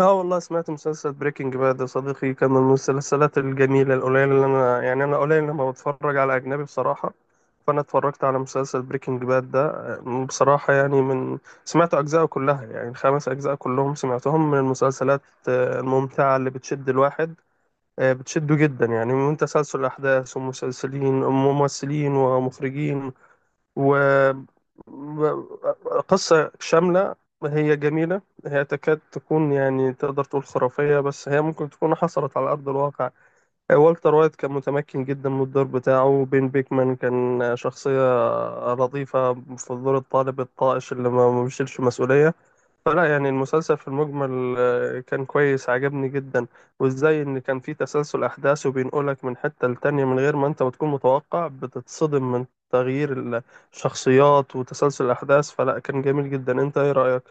اه والله سمعت مسلسل بريكنج باد يا صديقي، كان من المسلسلات الجميلة القليلة اللي أنا قليل لما بتفرج على أجنبي بصراحة. فأنا اتفرجت على مسلسل بريكنج باد ده. بصراحة يعني من سمعت أجزاءه كلها، يعني الخمس أجزاء كلهم سمعتهم. من المسلسلات الممتعة اللي بتشد الواحد، بتشده جدا، يعني من تسلسل الأحداث ومسلسلين وممثلين ومخرجين وقصة شاملة. هي جميلة، هي تكاد تكون يعني تقدر تقول خرافية، بس هي ممكن تكون حصلت على أرض الواقع. والتر وايت كان متمكن جدا من الدور بتاعه. بين بيكمان كان شخصية لطيفة في دور الطالب الطائش اللي ما بيشيلش مسؤولية. فلا يعني المسلسل في المجمل كان كويس، عجبني جدا. وازاي ان كان في تسلسل احداث وبينقلك من حتة لتانية من غير ما انت بتكون متوقع، بتتصدم من تغيير الشخصيات وتسلسل الاحداث. فلا كان جميل جدا. انت ايه رأيك؟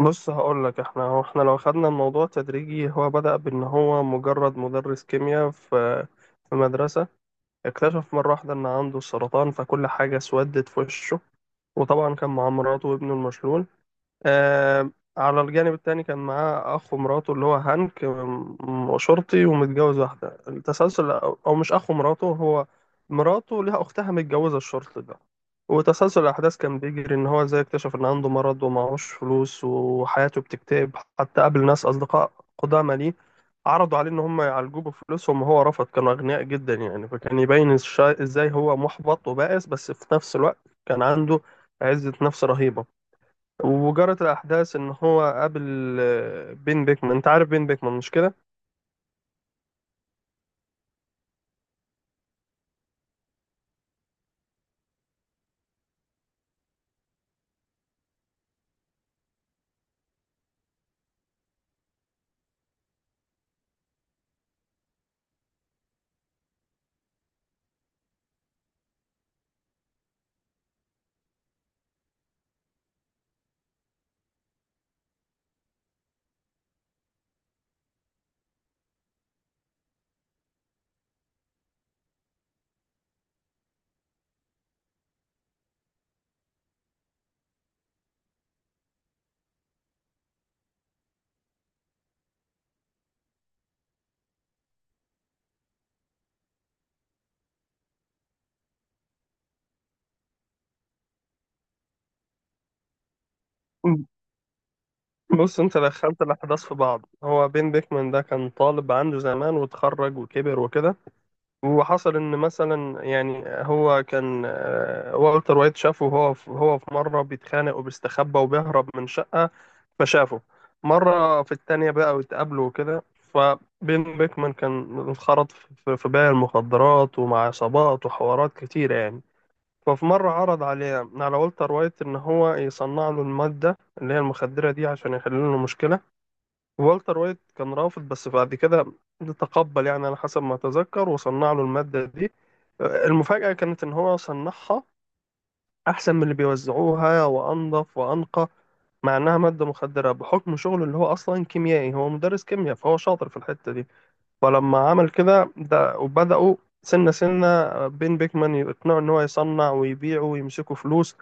بص هقول لك، احنا لو خدنا الموضوع تدريجي، هو بدأ بان هو مجرد مدرس كيمياء في مدرسة. اكتشف مرة واحدة ان عنده سرطان، فكل حاجة اسودت في وشه. وطبعا كان مع مراته وابنه المشلول. آه على الجانب التاني كان معاه أخ ومراته اللي هو هانك، شرطي ومتجوز واحدة. التسلسل، أو مش أخ ومراته، هو مراته ليها أختها متجوزة الشرطي ده. وتسلسل الأحداث كان بيجري إن هو إزاي اكتشف إن عنده مرض ومعهوش فلوس وحياته بتكتئب، حتى قابل ناس أصدقاء قدامى ليه عرضوا عليه إن هم يعالجوه بفلوسهم وهو رفض، كانوا أغنياء جدا يعني. فكان يبين إزاي هو محبط وبائس، بس في نفس الوقت كان عنده عزة نفس رهيبة. وجرت الأحداث إن هو قابل بين بيكمان. أنت عارف بين بيكمان مش كده؟ بص أنت دخلت الأحداث في بعض. هو بين بيكمان ده كان طالب عنده زمان، واتخرج وكبر وكده. وحصل إن مثلا يعني هو كان والتر وايت شافه، هو في مرة بيتخانق وبيستخبى وبيهرب من شقة، فشافه. مرة في التانية بقى واتقابلوا وكده، فبين بيكمان كان انخرط في بيع المخدرات ومع عصابات وحوارات كتيرة يعني. ففي مرة عرض عليه على والتر وايت إن هو يصنع له المادة اللي هي المخدرة دي، عشان يحل له مشكلة. والتر وايت كان رافض، بس بعد كده تقبل يعني على حسب ما أتذكر، وصنع له المادة دي. المفاجأة كانت إن هو صنعها أحسن من اللي بيوزعوها وأنظف وأنقى، مع إنها مادة مخدرة. بحكم شغله اللي هو أصلا كيميائي، هو مدرس كيمياء، فهو شاطر في الحتة دي. فلما عمل كده ده وبدأوا، سنة سنة بين بيكمان يقنعوا إن هو يصنع ويبيع ويمسكوا فلوس.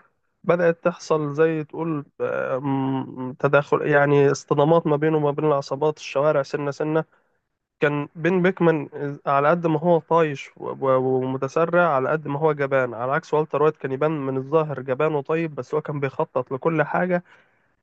بدأت تحصل زي تقول تداخل، يعني اصطدامات ما بينه وما بين العصابات الشوارع. سنة سنة كان بين بيكمان على قد ما هو طايش ومتسرع، على قد ما هو جبان. على عكس والتر وايت كان يبان من الظاهر جبان وطيب، بس هو كان بيخطط لكل حاجة،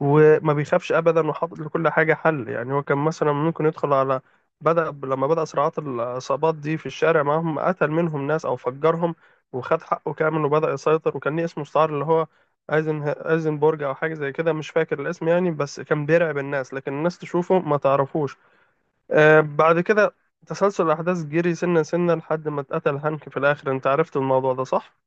وما بيخافش ابدا، وحاطط لكل حاجه حل. يعني هو كان مثلا ممكن يدخل على، لما بدأ صراعات العصابات دي في الشارع معاهم، قتل منهم ناس او فجرهم وخد حقه كامل، وبدأ يسيطر. وكان ليه اسم مستعار اللي هو ايزنبرج او حاجه زي كده، مش فاكر الاسم يعني. بس كان بيرعب الناس، لكن الناس تشوفه ما تعرفوش. بعد كده تسلسل الاحداث جري سنه سنه لحد ما اتقتل هانك في الاخر. انت عرفت الموضوع ده صح؟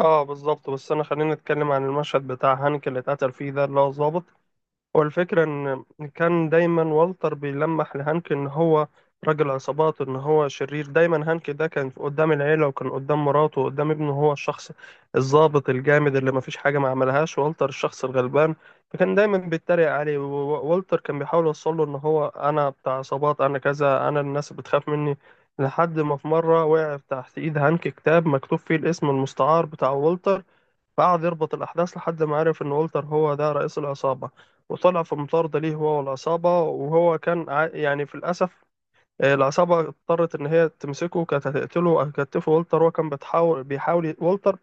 اه بالظبط. بس انا خلينا نتكلم عن المشهد بتاع هانك اللي اتقتل فيه ده، اللي هو الضابط. والفكرة إن كان دايما والتر بيلمح لهانك إن هو راجل عصابات، إن هو شرير. دايما هانك ده كان قدام العيلة وكان قدام مراته وقدام ابنه هو الشخص الضابط الجامد اللي مفيش حاجة ما عملهاش، والتر الشخص الغلبان. فكان دايما بيتريق عليه، ووالتر كان بيحاول يوصله إن هو أنا بتاع عصابات، أنا كذا، أنا الناس بتخاف مني. لحد ما في مرة وقع تحت إيد هانك كتاب مكتوب فيه الاسم المستعار بتاع والتر، فقعد يربط الأحداث لحد ما عرف إن والتر هو ده رئيس العصابة. وطلع في مطاردة ليه، هو والعصابة. وهو كان يعني في الأسف، العصابة اضطرت إن هي تمسكه، كانت هتقتله وهتكتفه. والتر هو كان بيحاول. والتر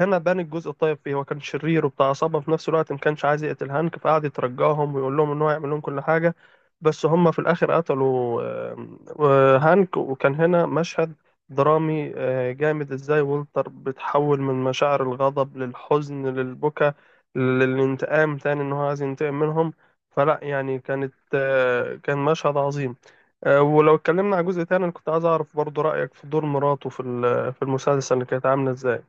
هنا بان الجزء الطيب فيه، هو كان شرير وبتاع عصابة، في نفس الوقت ما كانش عايز يقتل هانك، فقعد يترجاهم ويقول لهم ان هو يعمل لهم كل حاجة. بس هم في الاخر قتلوا هانك. وكان هنا مشهد درامي جامد، ازاي والتر بتحول من مشاعر الغضب للحزن للبكا للانتقام تاني، ان هو عايز ينتقم منهم. فلا يعني كان مشهد عظيم. ولو اتكلمنا على جزء تاني، انا كنت عايز اعرف برضو رأيك في دور مراته في المسلسل اللي كانت عاملة ازاي.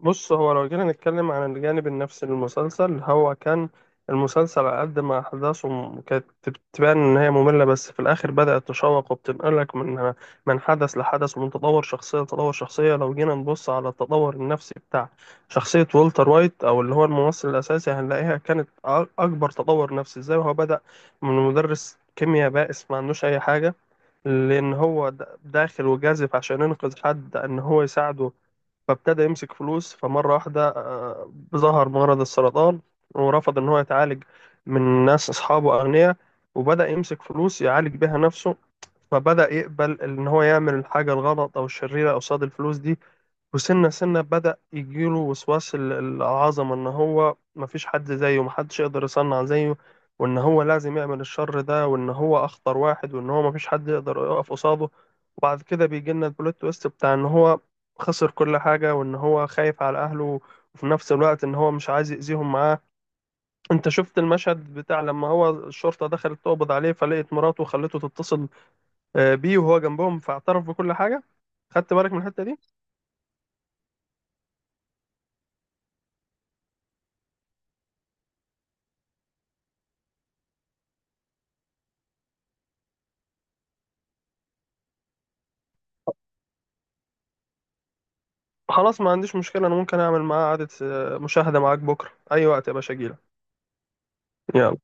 بص هو لو جينا نتكلم عن الجانب النفسي للمسلسل، هو كان المسلسل على قد ما أحداثه كانت تبان إن هي مملة، بس في الآخر بدأت تشوق، وبتنقلك من حدث لحدث، ومن تطور شخصية لتطور شخصية. لو جينا نبص على التطور النفسي بتاع شخصية والتر وايت، أو اللي هو الممثل الأساسي، هنلاقيها كانت أكبر تطور نفسي. إزاي هو بدأ من مدرس كيمياء بائس ما عندوش أي حاجة، لأن هو داخل وجازف عشان ينقذ حد إن هو يساعده، فابتدى يمسك فلوس. فمرة واحدة ظهر مرض السرطان، ورفض إن هو يتعالج من ناس أصحابه أغنياء، وبدأ يمسك فلوس يعالج بيها نفسه. فبدأ يقبل إن هو يعمل الحاجة الغلط أو الشريرة قصاد الفلوس دي. وسنة سنة بدأ يجيله وسواس العظمة، إن هو مفيش حد زيه، محدش يقدر يصنع زيه، وإن هو لازم يعمل الشر ده، وإن هو أخطر واحد، وإن هو مفيش حد يقدر يقف قصاده. وبعد كده بيجي لنا البلوت تويست بتاع إن هو خسر كل حاجة، وإن هو خايف على أهله، وفي نفس الوقت إن هو مش عايز يأذيهم معاه. أنت شفت المشهد بتاع لما هو الشرطة دخلت تقبض عليه، فلقيت مراته وخلته تتصل بيه وهو جنبهم، فاعترف بكل حاجة. خدت بالك من الحتة دي؟ خلاص، ما عنديش مشكلة. أنا ممكن أعمل معاه قعدة مشاهدة معاك بكرة أي وقت يا باشا، أجيلك. يلا.